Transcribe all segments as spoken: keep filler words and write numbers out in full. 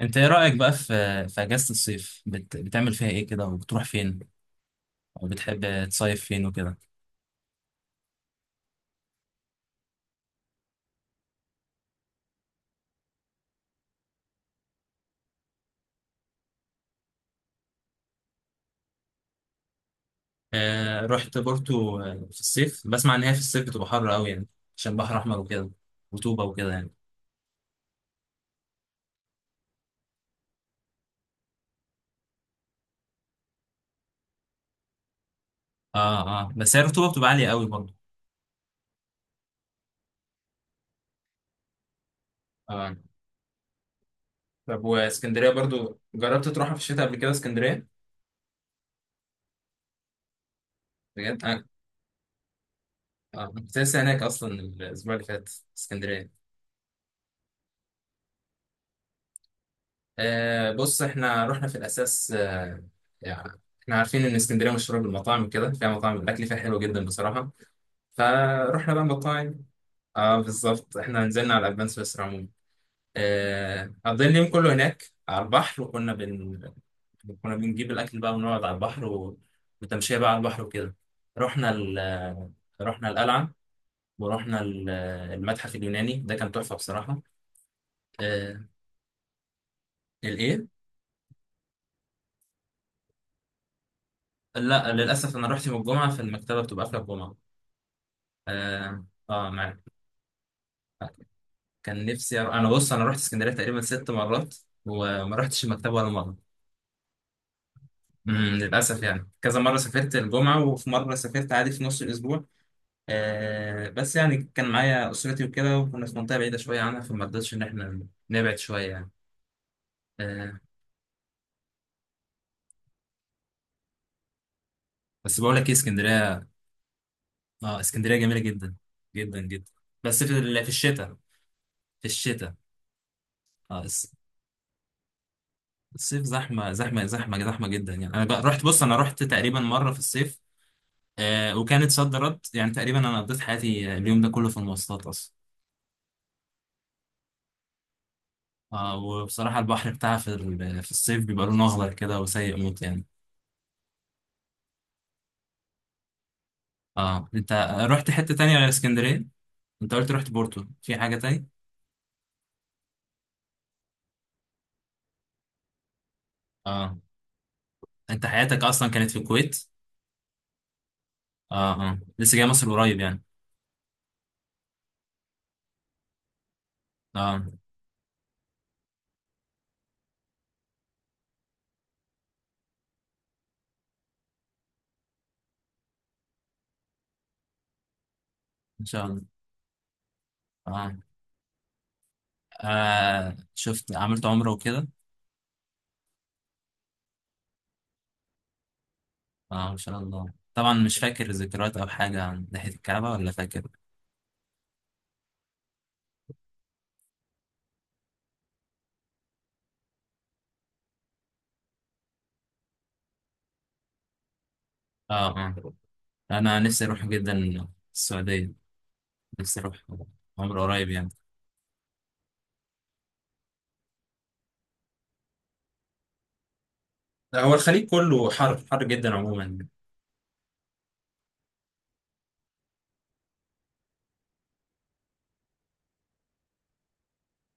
انت ايه رأيك بقى في في اجازة الصيف، بت... بتعمل فيها ايه كده، وبتروح فين، وبتحب تصيف فين وكده؟ آه، رحت بورتو. آه، في الصيف بسمع ان هي في الصيف بتبقى حر قوي يعني، عشان بحر احمر وكده، رطوبة وكده يعني. اه، اه، بس هي الرطوبة بتبقى عالية قوي برضه. اه، طب واسكندرية برضو جربت تروحها؟ آه، بص احنا رحنا في الاساس. آه يعني احنا عارفين ان اسكندريه مشهوره بالمطاعم وكده، فيها مطاعم الاكل فيها حلو جدا بصراحه. فروحنا بقى مطاعم. اه، بالظبط احنا نزلنا على الابان سويسرا عموما. آه قضينا اليوم كله هناك على البحر، وكنا بن... كنا بنجيب الاكل بقى، ونقعد على البحر و... وتمشيه بقى على البحر وكده. رحنا ال... آه، رحنا القلعه. ورحنا ال- آه، المتحف اليوناني ده كان تحفه بصراحه. آه. الايه؟ لا، للاسف انا رحت يوم الجمعه، فالمكتبه بتبقى قافله الجمعه. اه. آه، معاك. كان نفسي أروح. انا بص انا رحت اسكندريه تقريبا ست مرات، وما رحتش المكتبه ولا مره. امم للاسف يعني كذا مره سافرت الجمعه، وفي مره سافرت عادي في نص الاسبوع. آه بس يعني كان معايا اسرتي وكده، وكنا في منطقه بعيده شويه عنها، فما رضيتش ان احنا نبعد شويه يعني. آه بس بقول لك ايه اسكندريه. اه، اسكندريه جميله جدا جدا جدا. بس في ال- في الشتاء. في الشتاء. اه. الس- الصيف زحمه زحمه زحمه زحمه جدا يعني. انا بقى- رحت بص انا رحت تقريبا مره في الصيف. آه وكانت صد رد يعني، تقريبا انا قضيت حياتي آه، اليوم ده كله في المواصلات اصلا. آه وبصراحه البحر بتاعها في ال- في الصيف بيبقى لونه اخضر كده وسيء موت يعني. اه. انت رحت حته تانية غير اسكندريه؟ انت قلت رحت بورتو، في حاجه تانية؟ اه، انت حياتك اصلا كانت في الكويت؟ اه، اه، لسه جاي مصر قريب يعني. اه، ان شاء الله. اه، آه شفت عملت عمره وكده؟ اه، ان شاء الله. طبعا مش فاكر ذكريات او حاجه عن ناحيه الكعبه، ولا فاكر؟ اه، اه، انا نفسي اروح جدا. السعوديه. نفسي أروح عمر قريب يعني. لا، هو الخليج كله حر، حر جدا عموما.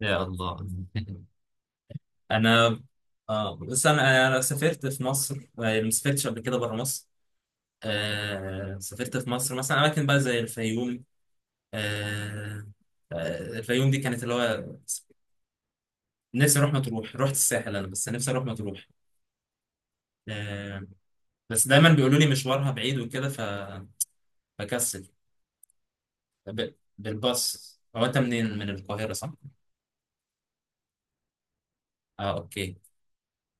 يا الله. أنا. آه بس أنا أنا سافرت في مصر، آه، يعني ما سافرتش قبل كده بره مصر. آه سافرت في مصر مثلا أماكن بقى زي الفيوم. آه آه الفيوم دي كانت اللي هو. نفسي أروح مطروح. رحت الساحل أنا، بس نفسي أروح مطروح. آه بس دايما بيقولوا لي مشوارها بعيد وكده، ف- بكسل. ب- بالباص. هو أنت منين من القاهرة صح؟ اه، اوكي.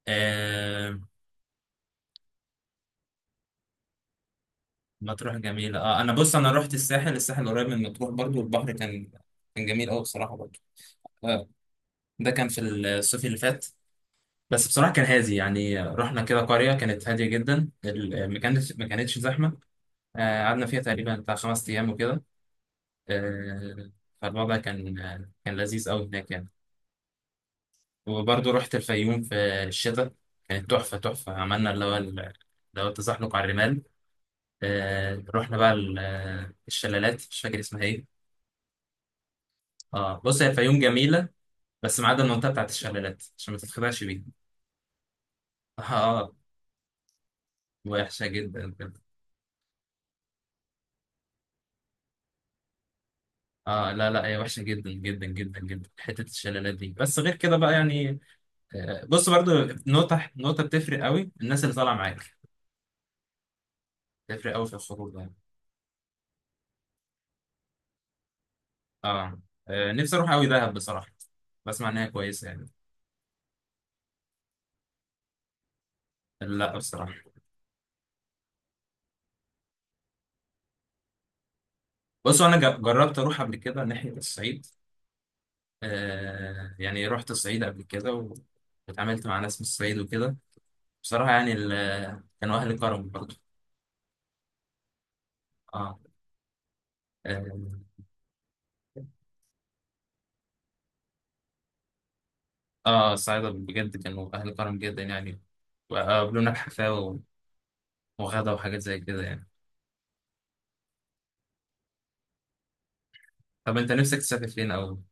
آه مطروح جميلة. اه، انا بص انا رحت الساحل. الساحل قريب من مطروح برضو، والبحر كان كان جميل قوي بصراحة برضو. آه. ده كان في الصيف اللي فات. بس بصراحة كان هادي يعني، رحنا كده قرية كانت هادية جدا، ال- ما كانتش ما كانتش زحمة. آه، قعدنا فيها تقريبا بتاع خمس أيام وكده. آه، فالوضع كان كان لذيذ قوي هناك يعني. وبرضو رحت الفيوم في الشتاء. كانت تحفة تحفة. عملنا اللي هو ال- اللي هو التزحلق على الرمال. آه، رحنا بقى ال- الشلالات، مش فاكر اسمها إيه. اه، بص هي الفيوم جميلة، بس ما عدا المنطقة بتاعت الشلالات، عشان ما تتخدعش بيها. اه. آه، وحشة جدا جدا. اه، لا، لا، هي وحشة جدا جدا جدا جدا حتة الشلالات دي، بس غير كده بقى يعني. آه، بص برضو، نقطة نقطة، بتفرق قوي الناس اللي طالعة معاك، بتفرق قوي في الخروج يعني. اه. آه، نفسي اروح قوي دهب بصراحة، بسمع ان هي كويسة يعني. لا بصراحة. بص انا ج- جربت اروح قبل كده ناحية الصعيد. آه يعني رحت الصعيد قبل كده و... اتعاملت مع ناس من الصعيد وكده. بصراحة يعني ال- كانوا أهل كرم برضه. آه آه آه، الصعايدة بجد كانوا أهل كرم جدا يعني. وقابلونا بحفاوة، وغدا وحاجات زي كده يعني. طب أنت نفسك تسافر فين، أو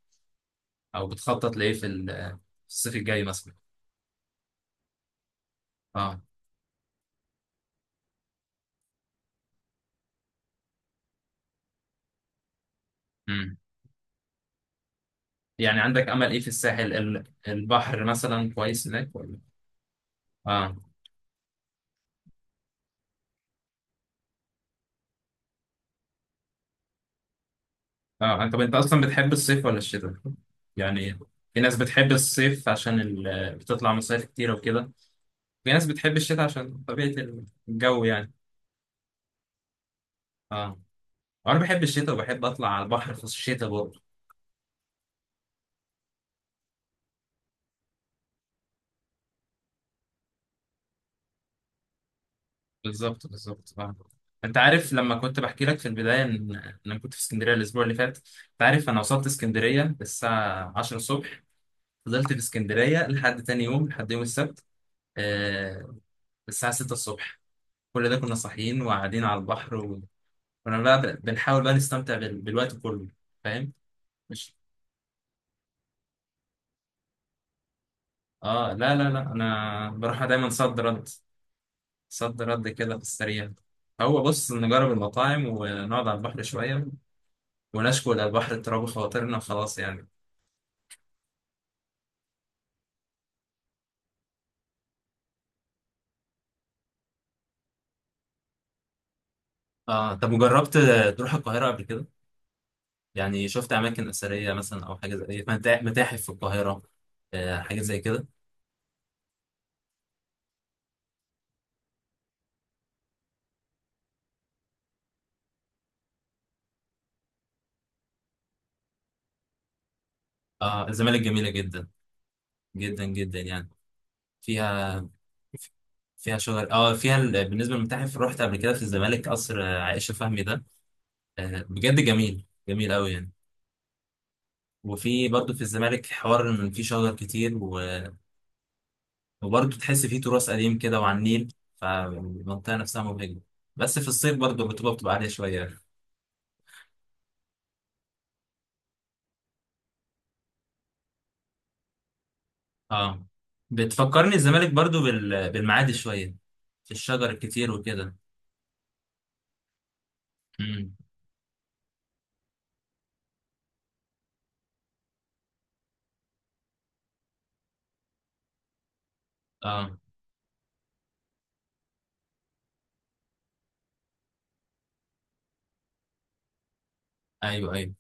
أو بتخطط لإيه في ال- في الصيف الجاي مثلا؟ آه. مم. يعني عندك أمل إيه في الساحل، ال- البحر مثلا كويس هناك ولا؟ آه، آه. طب أنت أصلا بتحب الصيف ولا الشتاء؟ يعني في ناس بتحب الصيف عشان ال- بتطلع مصايف كتير وكده. في ناس بتحب الشتاء عشان طبيعة الجو يعني. اه، وانا بحب الشتاء وبحب اطلع على البحر في الشتاء برضه. بالظبط، بالظبط، اه. انت عارف لما كنت بحكي لك في البدايه ان إن انا كنت في اسكندريه الاسبوع اللي فات؟ انت عارف، انا وصلت اسكندريه الساعه عشرة الصبح. فضلت في اسكندريه لحد تاني يوم، لحد يوم السبت. آه الساعه ستة الصبح. كل ده كنا صاحيين وقاعدين على البحر، وكنا بقى ب- بنحاول بقى نستمتع بال- بالوقت كله. فاهم؟ مش. اه، لا، لا، لا، انا بروح دايما صد رد. صد رد كده في السريع. هو بص نجرب المطاعم ونقعد على البحر شوية، ونشكو إلى البحر اضطراب خواطرنا، وخلاص يعني. اه، طب وجربت تروح القاهرة قبل كده؟ يعني شفت أماكن أثرية مثلا، أو حاجة زي متا- متاحف في القاهرة؟ آه حاجة زي كده. اه، الزمالك جميلة جدا جدا جدا يعني. فيها فيها شجر. اه فيها ال... بالنسبة للمتاحف رحت قبل كده في الزمالك قصر آه، عائشة فهمي ده. آه بجد جميل جميل أوي يعني. وفي برضه في الزمالك حوار إن في شجر كتير، وبرضه تحس فيه تراث قديم كده وعلى النيل، فالمنطقة نفسها مبهجة. بس في الصيف برضه الرطوبة بتبقى عالية شوية. اه، بتفكرني الزمالك برضه بال... بالمعادي شوية، في الشجر الكتير وكده. امم. اه، ايوه، ايوه.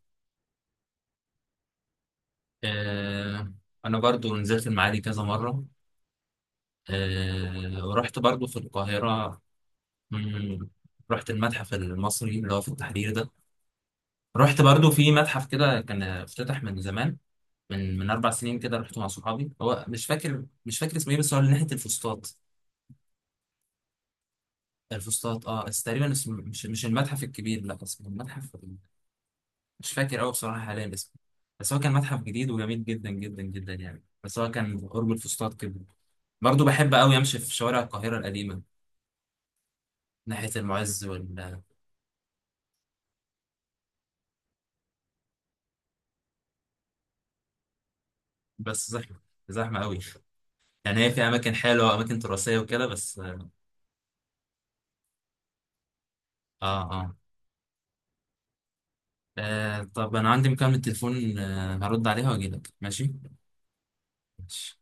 آه. انا برضه نزلت المعادي كذا مرة. آه. ورحت برضه في القاهرة. مم. رحت المتحف المصري اللي هو في التحرير ده. رحت برضه في متحف كده كان افتتح من زمان، من من اربع سنين كده. رحت مع صحابي، هو مش فاكر مش فاكر اسمه ايه، بس هو اللي ناحيه الفسطاط. الفسطاط، اه. بس تقريبا اسمه مش مش المتحف الكبير، لا اسمه المتحف، مش فاكر قوي بصراحه حاليا اسمه. بس هو كان متحف جديد وجميل جدا جدا جدا يعني، بس هو كان قرب الفسطاط كده. برضه بحب قوي امشي في شوارع القاهره القديمه، ناحيه المعز وال. بس زحمه، زحمه قوي يعني. هي في اماكن حلوه، اماكن تراثيه وكده، بس اه. اه، آه. طب انا عندي مكالمه تليفون، آه هرد عليها واجي لك ماشي. ماشي.